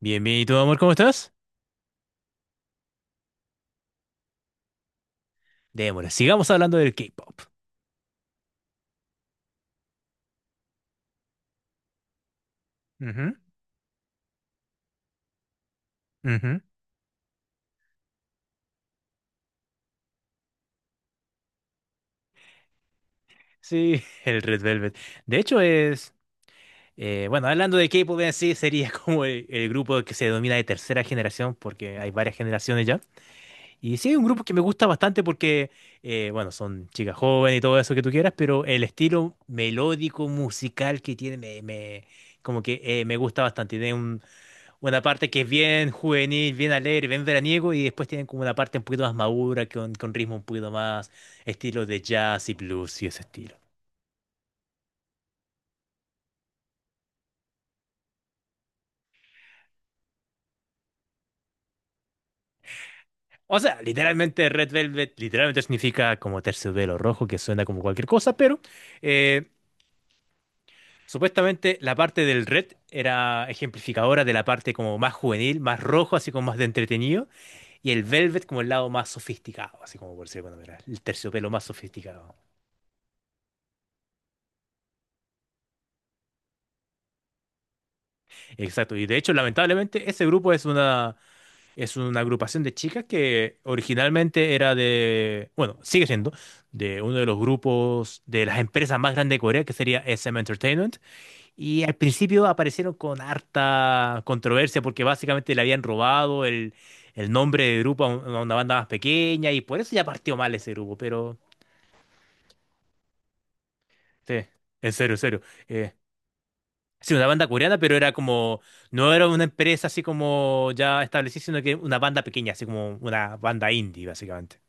Bien, bien, ¿y tú, amor, cómo estás? Démosle, sigamos hablando del K-pop. Ujú, ujú. Sí, el Red Velvet. De hecho, es. Bueno, hablando de K-pop en sí, sería como el grupo que se denomina de tercera generación, porque hay varias generaciones ya. Y sí, es un grupo que me gusta bastante porque, bueno, son chicas jóvenes y todo eso que tú quieras, pero el estilo melódico musical que tiene como que me gusta bastante. Tiene un una parte que es bien juvenil, bien alegre, bien veraniego, y después tienen como una parte un poquito más madura, con ritmo un poquito más estilo de jazz y blues y ese estilo. O sea, literalmente Red Velvet literalmente significa como terciopelo rojo, que suena como cualquier cosa, pero eh, supuestamente la parte del red era ejemplificadora de la parte como más juvenil, más rojo, así como más de entretenido, y el velvet como el lado más sofisticado, así como por decirlo de alguna manera, el terciopelo más sofisticado. Exacto, y de hecho, lamentablemente, ese grupo es una agrupación de chicas que originalmente era de, bueno, sigue siendo, de uno de los grupos de las empresas más grandes de Corea, que sería SM Entertainment. Y al principio aparecieron con harta controversia porque básicamente le habían robado el nombre de grupo a una banda más pequeña y por eso ya partió mal ese grupo. Pero, sí, en serio, en serio. Eh, sí, una banda coreana, pero era como, no era una empresa así como ya establecida, sino que una banda pequeña, así como una banda indie, básicamente.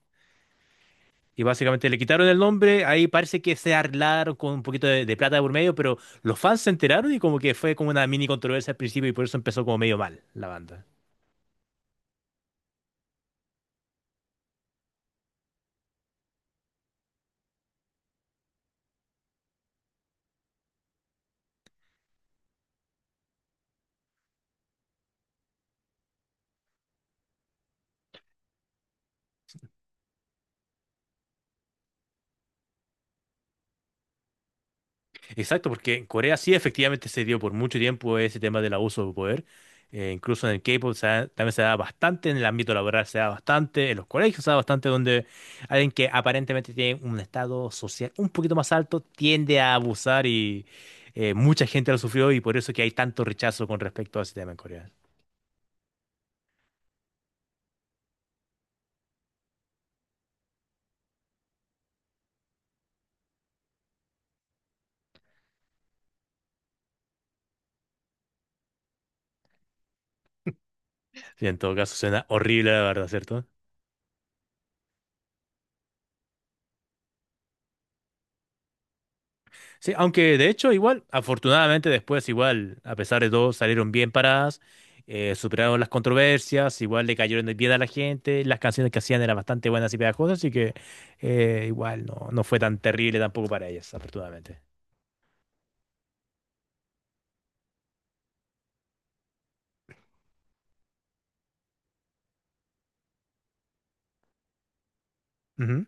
Y básicamente le quitaron el nombre, ahí parece que se arreglaron con un poquito de plata de por medio, pero los fans se enteraron y como que fue como una mini controversia al principio y por eso empezó como medio mal la banda. Exacto, porque en Corea sí efectivamente se dio por mucho tiempo ese tema del abuso de poder. Incluso en el K-pop también se da bastante, en el ámbito laboral se da bastante, en los colegios se da bastante, donde alguien que aparentemente tiene un estado social un poquito más alto tiende a abusar y mucha gente lo sufrió y por eso que hay tanto rechazo con respecto a ese tema en Corea. Sí, en todo caso, suena horrible, la verdad, ¿cierto? Sí, aunque de hecho, igual, afortunadamente después, igual, a pesar de todo, salieron bien paradas, superaron las controversias, igual le cayeron bien a la gente, las canciones que hacían eran bastante buenas y pegajosas, así que igual no, no fue tan terrible tampoco para ellas, afortunadamente. Ujú,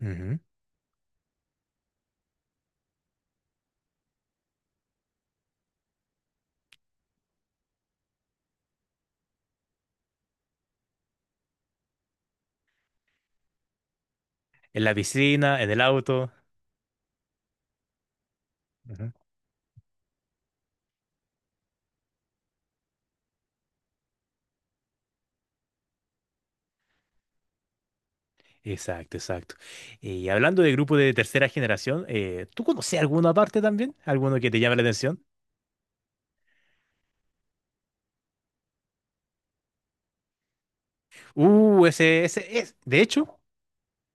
ujú. En la piscina, en el auto. Exacto, exacto. Y hablando de grupo de tercera generación, ¿tú conoces alguna parte también? ¿Alguno que te llame la atención? Ese, es. De hecho,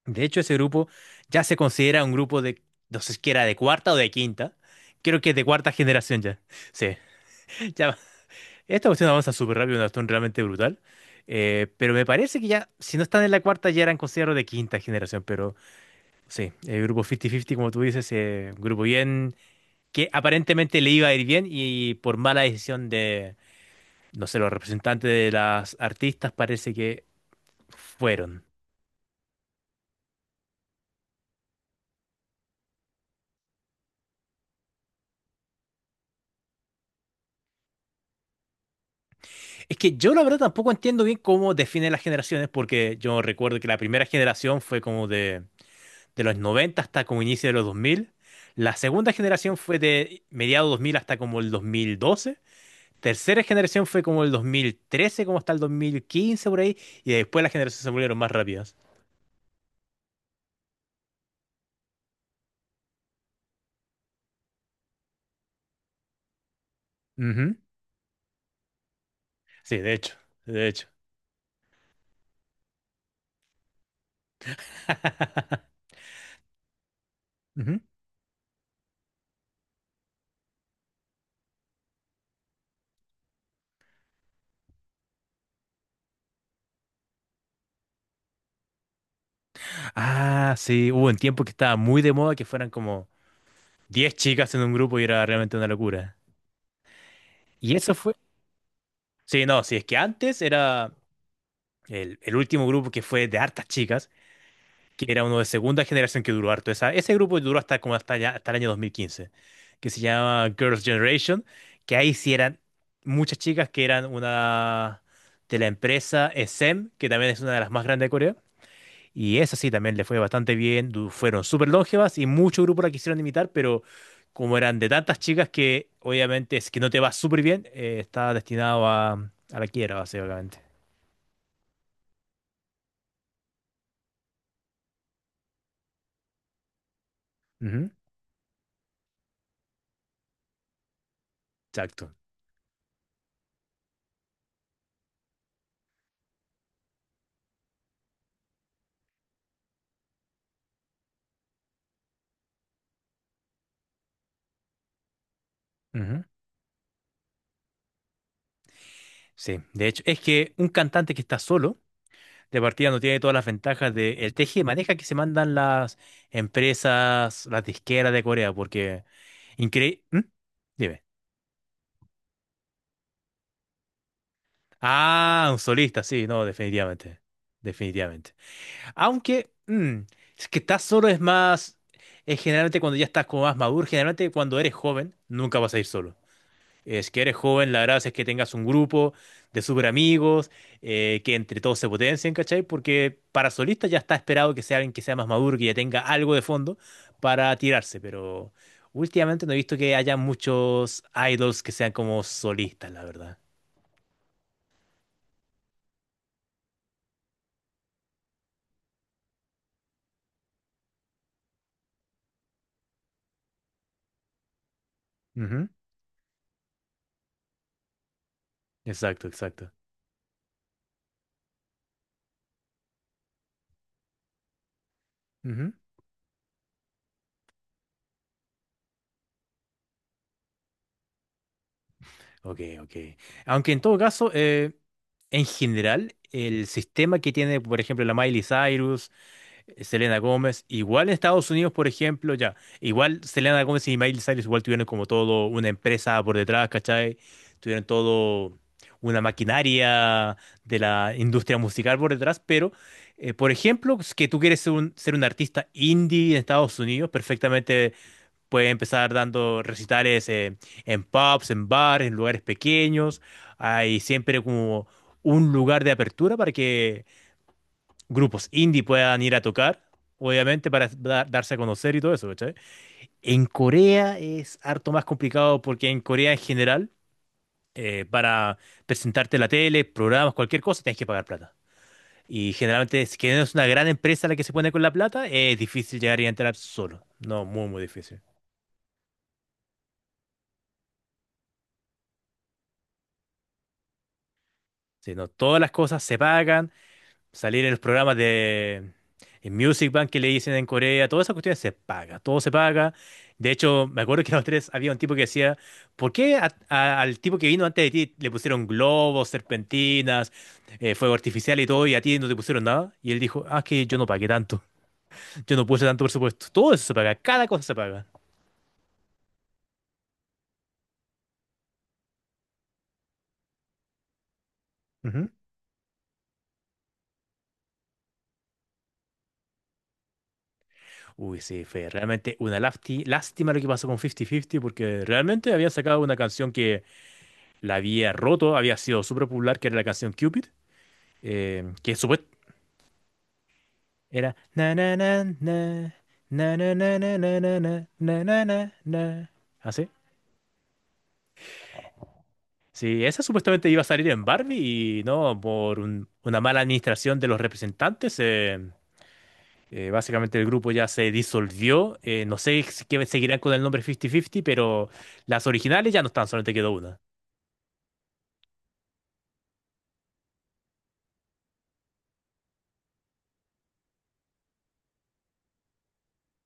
ese grupo ya se considera un grupo de, no sé si era de cuarta o de quinta. Creo que es de cuarta generación ya. Sí, ya. Esta cuestión avanza súper rápido, una cuestión realmente brutal. Pero me parece que ya, si no están en la cuarta, ya eran considerados de quinta generación. Pero sí, el grupo 50-50, como tú dices, un grupo bien. Que aparentemente le iba a ir bien y por mala decisión de, no sé, los representantes de las artistas parece que fueron. Es que yo la verdad tampoco entiendo bien cómo definen las generaciones porque yo recuerdo que la primera generación fue como de los 90 hasta como inicio de los 2000. La segunda generación fue de mediados 2000 hasta como el 2012. Tercera generación fue como el 2013, como hasta el 2015 por ahí. Y después las generaciones se volvieron más rápidas. Ujú. Sí, de hecho. Ujú. Ah, sí, hubo un tiempo que estaba muy de moda que fueran como 10 chicas en un grupo y era realmente una locura. Y eso fue. Sí, no, sí, es que antes era el último grupo que fue de hartas chicas, que era uno de segunda generación que duró harto. Ese grupo duró hasta como hasta, ya, hasta el año 2015, que se llama Girls' Generation, que ahí sí eran muchas chicas que eran una de la empresa SM, que también es una de las más grandes de Corea. Y esa sí también le fue bastante bien, fueron súper longevas y muchos grupos la quisieron imitar, pero como eran de tantas chicas que obviamente es que no te va súper bien, está destinado a la quiebra, básicamente. Ujú, exacto. Ujú. Sí, de hecho, es que un cantante que está solo, de partida no tiene todas las ventajas del teje y maneja que se mandan las empresas, las disqueras de Corea, porque increíble. Dime. Ah, un solista, sí, no, definitivamente. Definitivamente. Aunque, es que estás solo es más, es generalmente cuando ya estás como más maduro, generalmente cuando eres joven, nunca vas a ir solo. Es que eres joven, la gracia es que tengas un grupo de súper amigos, que entre todos se potencien, ¿cachai? Porque para solista ya está esperado que sea alguien que sea más maduro, que ya tenga algo de fondo para tirarse, pero últimamente no he visto que haya muchos idols que sean como solistas, la verdad. Ujú, exacto, exacto. Ujú, ok, ok. Aunque en todo caso, en general, el sistema que tiene, por ejemplo, la Miley Cyrus, Selena Gómez, igual en Estados Unidos, por ejemplo, ya, igual Selena Gómez y Miley Cyrus igual tuvieron como todo una empresa por detrás, ¿cachai? Tuvieron todo una maquinaria de la industria musical por detrás, pero, por ejemplo, es que tú quieres ser un, artista indie en Estados Unidos, perfectamente puede empezar dando recitales en pubs, en bares, en lugares pequeños. Hay siempre como un lugar de apertura para que grupos indie puedan ir a tocar, obviamente, para darse a conocer y todo eso, ¿cachai? En Corea es harto más complicado porque en Corea en general, para presentarte en la tele, programas, cualquier cosa, tienes que pagar plata. Y generalmente, si que no es una gran empresa la que se pone con la plata, es difícil llegar y entrar solo. No, muy, muy difícil. Sí, no, todas las cosas se pagan. Salir en los programas de en Music Bank que le dicen en Corea, todas esas cuestiones se paga, todo se paga. De hecho, me acuerdo que los tres había un tipo que decía, ¿por qué al tipo que vino antes de ti le pusieron globos, serpentinas, fuego artificial y todo, y a ti no te pusieron nada? Y él dijo, ah, es que yo no pagué tanto, yo no puse tanto presupuesto. Todo eso se paga, cada cosa se paga. Ujú. Uy, sí, fue realmente una lástima lo que pasó con 50-50 porque realmente había sacado una canción que la había roto, había sido súper popular, que era la canción Cupid. Que supuestamente era na na na na na na na na na na na na na na na. ¿Así? Sí, sí, esa supuestamente iba a salir en Barbie y no, por una mala administración de los representantes, básicamente el grupo ya se disolvió. No sé si que seguirán con el nombre 50-50, pero las originales ya no están, solamente quedó una.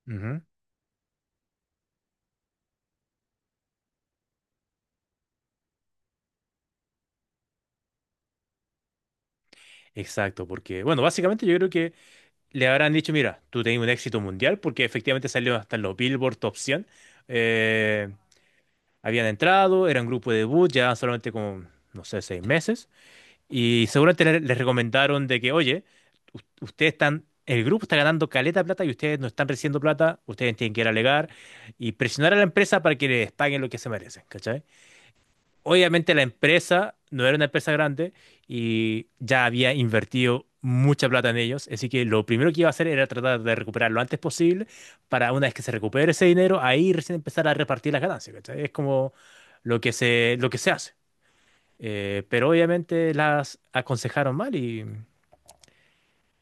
Ujú. Exacto, porque, bueno, básicamente yo creo que le habrán dicho, mira, tú tenés un éxito mundial porque efectivamente salió hasta en los Billboard Top 100. Habían entrado, era un grupo de debut, ya solamente como, no sé, 6 meses. Y seguramente les recomendaron de que, oye, ustedes están, el grupo está ganando caleta de plata y ustedes no están recibiendo plata, ustedes tienen que ir a alegar y presionar a la empresa para que les paguen lo que se merecen, ¿cachai? Obviamente la empresa no era una empresa grande y ya había invertido mucha plata en ellos, así que lo primero que iba a hacer era tratar de recuperar lo antes posible para una vez que se recupere ese dinero, ahí recién empezar a repartir las ganancias, ¿cachai? Es como lo que se hace. Pero obviamente las aconsejaron mal y,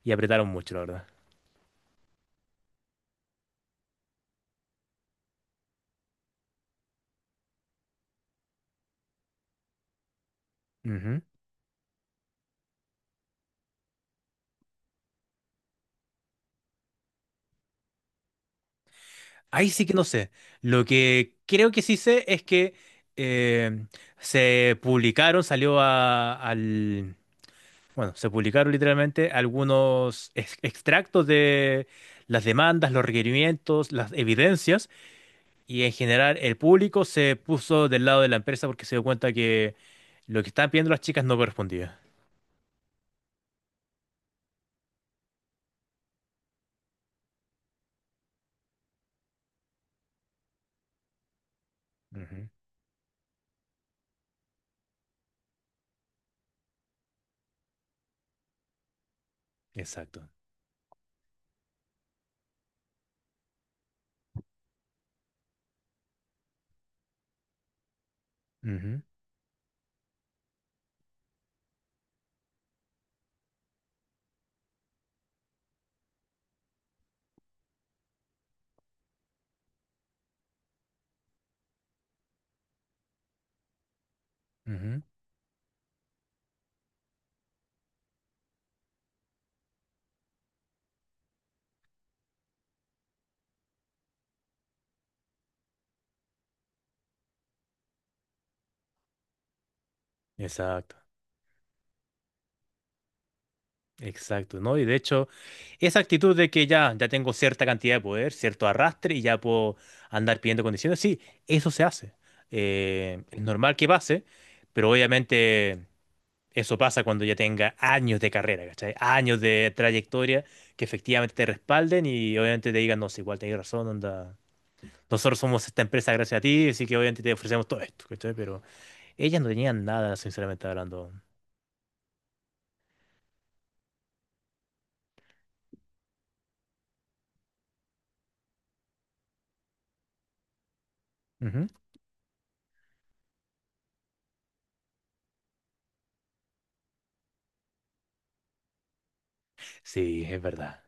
y apretaron mucho, la verdad. Ujú. Ahí sí que no sé. Lo que creo que sí sé es que eh, se publicaron, salió bueno, se publicaron literalmente algunos extractos de las demandas, los requerimientos, las evidencias, y en general el público se puso del lado de la empresa porque se dio cuenta que lo que estaban pidiendo las chicas no correspondía. Ujú, exacto. Ujú, ujú, exacto. Exacto, ¿no? Y de hecho, esa actitud de que ya, ya tengo cierta cantidad de poder, cierto arrastre y ya puedo andar pidiendo condiciones, sí, eso se hace. Es normal que pase, pero obviamente. Eso pasa cuando ya tenga años de carrera, ¿cachai? Años de trayectoria que efectivamente te respalden y obviamente te digan, no, sí, igual tenés razón, onda. Nosotros somos esta empresa gracias a ti, así que obviamente te ofrecemos todo esto, ¿cachai? Pero ellas no tenían nada, sinceramente hablando. Ujú. Sí, es verdad.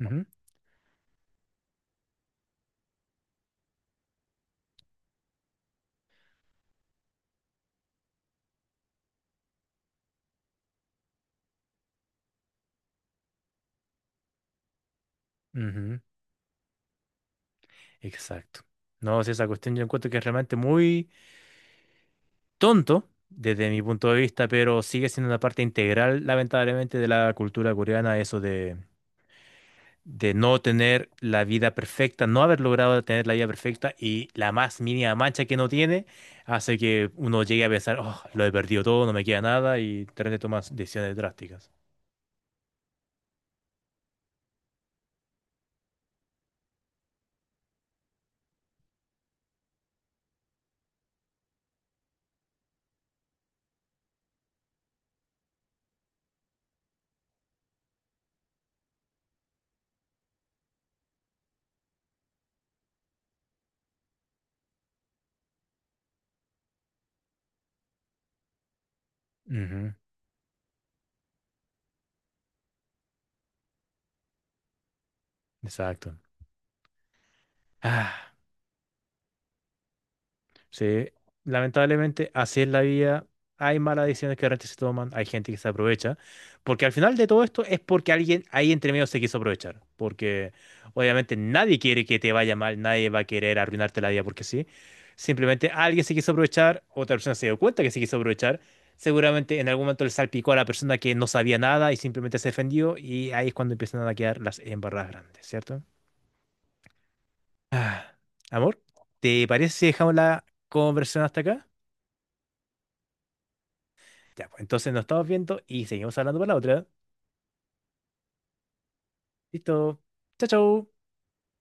Ujú, ujú, exacto. No, sí, esa cuestión yo encuentro que es realmente muy tonto desde mi punto de vista, pero sigue siendo una parte integral, lamentablemente, de la cultura coreana, eso de no tener la vida perfecta, no haber logrado tener la vida perfecta y la más mínima mancha que no tiene hace que uno llegue a pensar, oh, lo he perdido todo, no me queda nada y de repente tomas decisiones drásticas. Ujú, exacto. Ah. Sí, lamentablemente así es la vida. Hay malas decisiones que realmente se toman, hay gente que se aprovecha, porque al final de todo esto es porque alguien ahí entre medio se quiso aprovechar, porque obviamente nadie quiere que te vaya mal, nadie va a querer arruinarte la vida porque sí. Simplemente alguien se quiso aprovechar, otra persona se dio cuenta que se quiso aprovechar, seguramente en algún momento le salpicó a la persona que no sabía nada y simplemente se defendió y ahí es cuando empiezan a quedar las embarradas grandes, ¿cierto? Ah, amor, ¿te parece si dejamos la conversación hasta acá? Ya, pues entonces nos estamos viendo y seguimos hablando para la otra. Listo. Chao, chao.